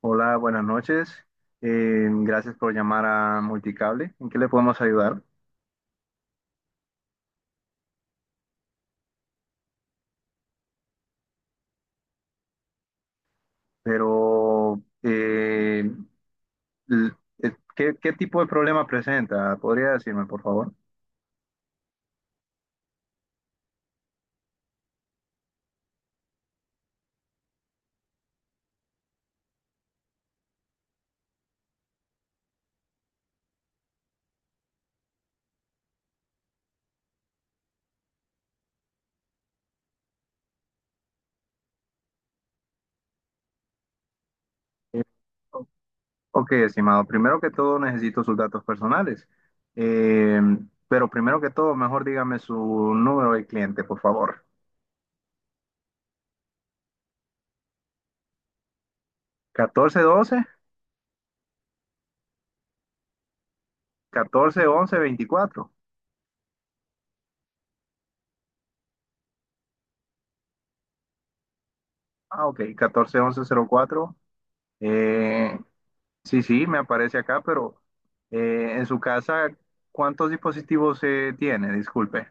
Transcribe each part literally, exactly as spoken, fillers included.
Hola, buenas noches. Eh, gracias por llamar a Multicable. ¿En qué le podemos ayudar? Pero, eh, l- eh, ¿qué, qué tipo de problema presenta? ¿Podría decirme, por favor? Eh, o- ok, estimado. Primero que todo, necesito sus datos personales. Eh, pero primero que todo, mejor dígame su número de cliente, por favor. Catorce catorce doce catorce once veinticuatro. Ah, ok, catorce once cero cuatro. Eh, Sí, sí, me aparece acá, pero eh, en su casa, ¿cuántos dispositivos eh, tiene? Disculpe.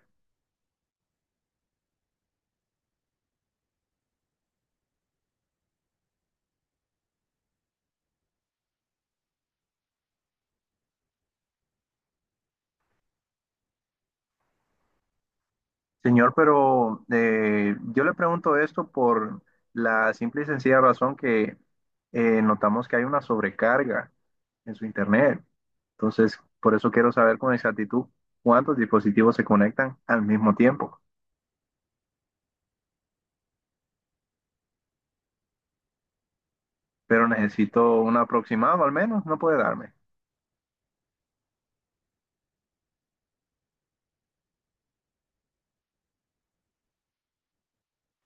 Señor, pero eh, yo le pregunto esto por la simple y sencilla razón que eh, notamos que hay una sobrecarga en su internet. Entonces, por eso quiero saber con exactitud cuántos dispositivos se conectan al mismo tiempo. Pero necesito un aproximado al menos, no puede darme.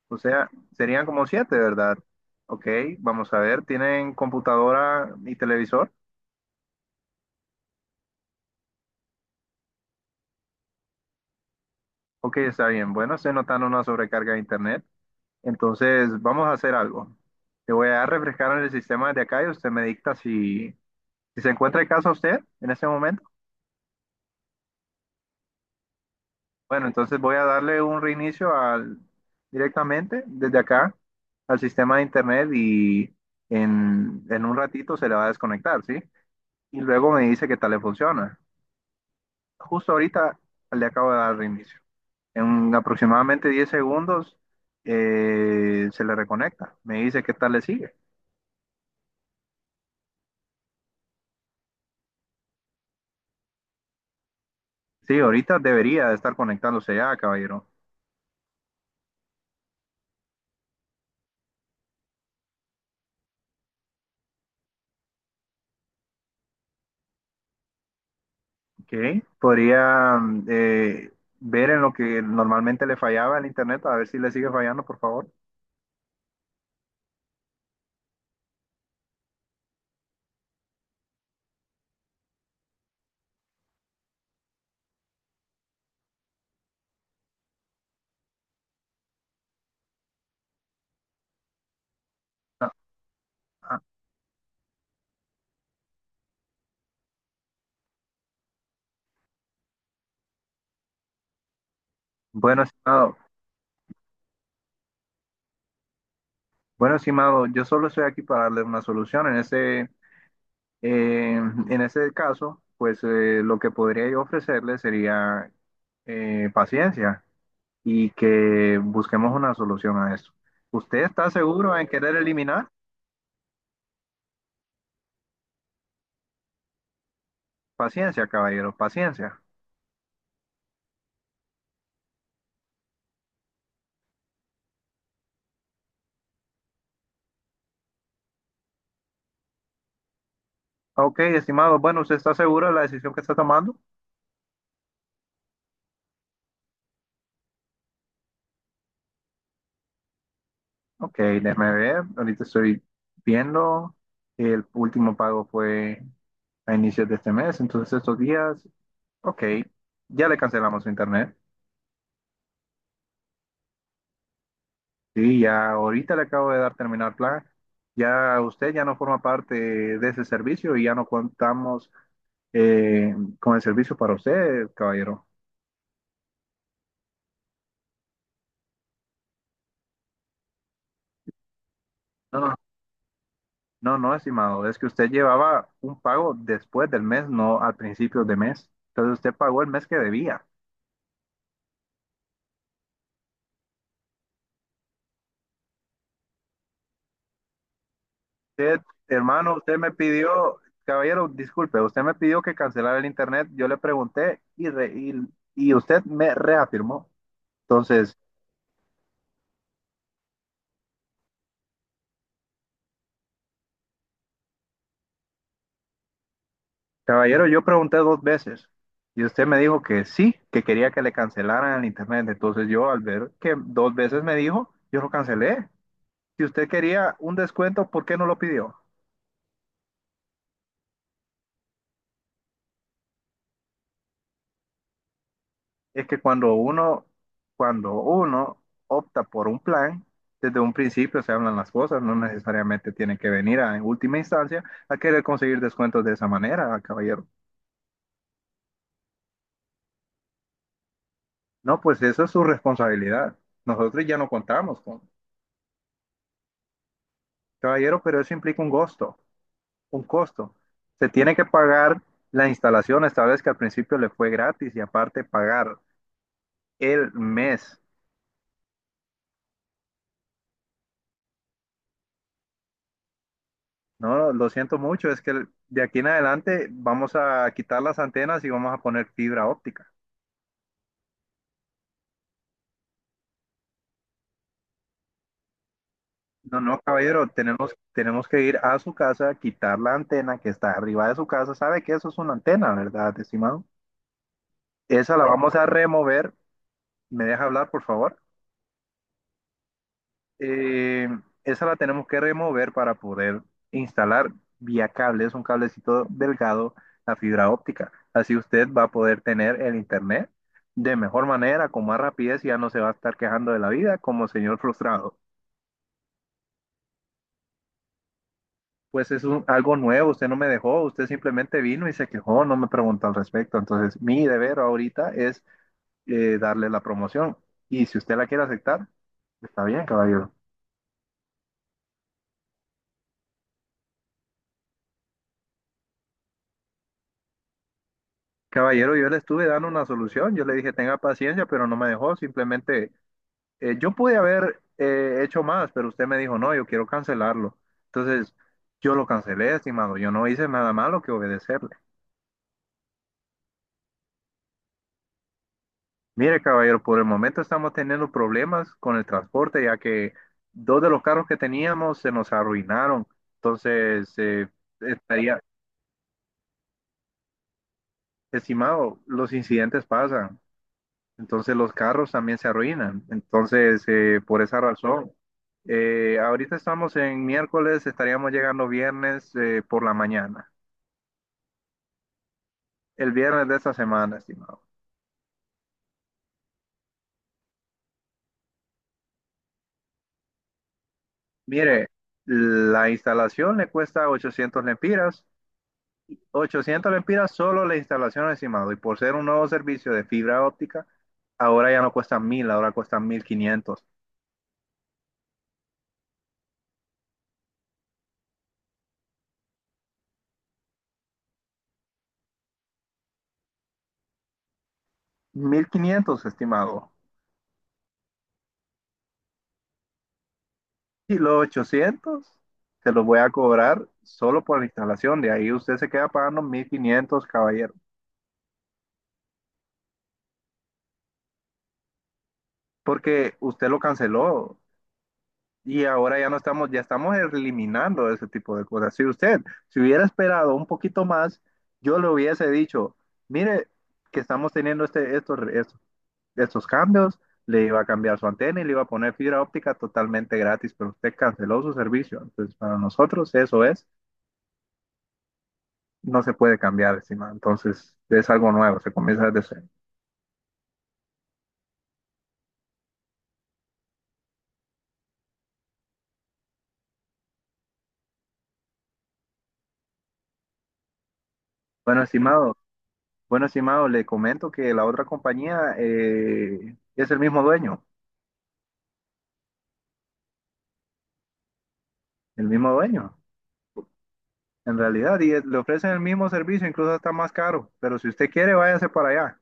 O sea, serían como siete, ¿verdad? Ok, vamos a ver, ¿tienen computadora y televisor? Ok, está bien. Bueno, estoy notando una sobrecarga de internet. Entonces, vamos a hacer algo. Te voy a refrescar en el sistema de acá y usted me dicta si, si se encuentra en casa usted en ese momento. Bueno, entonces voy a darle un reinicio al, directamente desde acá al sistema de internet y en, en un ratito se le va a desconectar, ¿sí? Y luego me dice qué tal le funciona. Justo ahorita le acabo de dar reinicio. En aproximadamente diez segundos eh, se le reconecta. Me dice qué tal le sigue. Sí, ahorita debería de estar conectándose ya, caballero. Ok. Podría mm, eh, ver en lo que normalmente le fallaba el internet, a ver si le sigue fallando, por favor. Ah, ah. Bueno, estimado. Bueno, estimado, yo solo estoy aquí para darle una solución. En ese, eh, en ese caso, pues eh, lo que podría yo ofrecerle sería eh, paciencia. Y que busquemos una solución a esto. ¿Usted está seguro en querer eliminar? Paciencia, caballero, paciencia. Ok, estimado, bueno, ¿usted está seguro de la decisión que está tomando? Ok, déjeme ver, ahorita estoy viendo, el último pago fue a inicios de este mes, entonces estos días, ok, ya le cancelamos su internet. Sí, ya ahorita le acabo de dar terminar plan. Ya usted ya no forma parte de ese servicio y ya no contamos eh, con el servicio para usted, caballero. No, no, no, no, estimado, es que usted llevaba un pago después del mes, no al principio de mes. Entonces usted pagó el mes que debía. Usted, hermano, usted me pidió, Caballero, disculpe, usted me pidió que cancelara el internet, yo le pregunté y, re- y, y usted me reafirmó. Entonces, caballero, yo pregunté dos veces y usted me dijo que sí, que quería que le cancelaran el internet. Entonces yo al ver que dos veces me dijo, yo lo cancelé. Si usted quería un descuento, ¿por qué no lo pidió? Es que cuando uno, cuando uno opta por un plan, desde un principio se hablan las cosas, no necesariamente tienen que venir a, en última instancia a querer conseguir descuentos de esa manera, caballero. No, pues eso es su responsabilidad. Nosotros ya no contamos con, caballero, pero eso implica un costo, un costo. Se tiene que pagar la instalación, esta vez que al principio le fue gratis y aparte pagar el mes. No, lo siento mucho, es que de aquí en adelante vamos a quitar las antenas y vamos a poner fibra óptica. No, no, caballero, tenemos, tenemos que ir a su casa, quitar la antena que está arriba de su casa. ¿Sabe que eso es una antena, verdad, estimado? Esa la vamos a remover. ¿Me deja hablar, por favor? Eh, Esa la tenemos que remover para poder instalar vía cable, es un cablecito delgado, la fibra óptica. Así usted va a poder tener el internet de mejor manera, con más rapidez y ya no se va a estar quejando de la vida como señor frustrado. Pues es un- algo nuevo, usted no me dejó, usted simplemente vino y se quejó, no me preguntó al respecto. Entonces, mi deber ahorita es eh, darle la promoción y si usted la quiere aceptar, está bien, caballero. Caballero, yo le estuve dando una solución, yo le dije tenga paciencia, pero no me dejó, simplemente eh, yo pude haber eh, hecho más, pero usted me dijo no, yo quiero cancelarlo. Entonces yo lo cancelé, estimado, yo no hice nada malo que obedecerle. Mire, caballero, por el momento estamos teniendo problemas con el transporte, ya que dos de los carros que teníamos se nos arruinaron. Entonces, eh, estaría, estimado, los incidentes pasan. Entonces los carros también se arruinan. Entonces, eh, por esa razón, eh, ahorita estamos en miércoles, estaríamos llegando viernes eh, por la mañana, el viernes de esta semana, estimado. Mire, la instalación le cuesta ochocientos lempiras, ochocientos lempiras solo la instalación, estimado, y por ser un nuevo servicio de fibra óptica, ahora ya no cuesta mil, ahora cuesta mil quinientos, mil quinientos, estimado. Y los ochocientos se los voy a cobrar solo por la instalación. De ahí usted se queda pagando mil quinientos, caballero, porque usted lo canceló y ahora ya no estamos, ya estamos eliminando ese tipo de cosas. Si usted si hubiera esperado un poquito más, yo le hubiese dicho, mire que estamos teniendo este, estos, estos, estos cambios, le iba a cambiar su antena y le iba a poner fibra óptica totalmente gratis, pero usted canceló su servicio. Entonces, para nosotros eso es no se puede cambiar, estimado. Entonces, es algo nuevo, se comienza desde cero. Bueno, estimado, bueno, estimado, le comento que la otra compañía eh, es el mismo dueño, el mismo dueño, en realidad, y es- le ofrecen el mismo servicio, incluso está más caro. Pero si usted quiere, váyase para allá,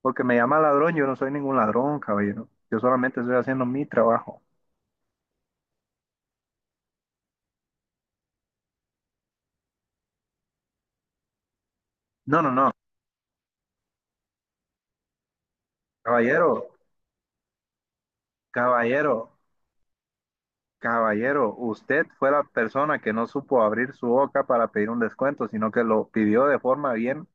porque me llama ladrón, yo no soy ningún ladrón, caballero. Yo solamente estoy haciendo mi trabajo. No, no, no, Caballero, caballero. Caballero, usted fue la persona que no supo abrir su boca para pedir un descuento, sino que lo pidió de forma bien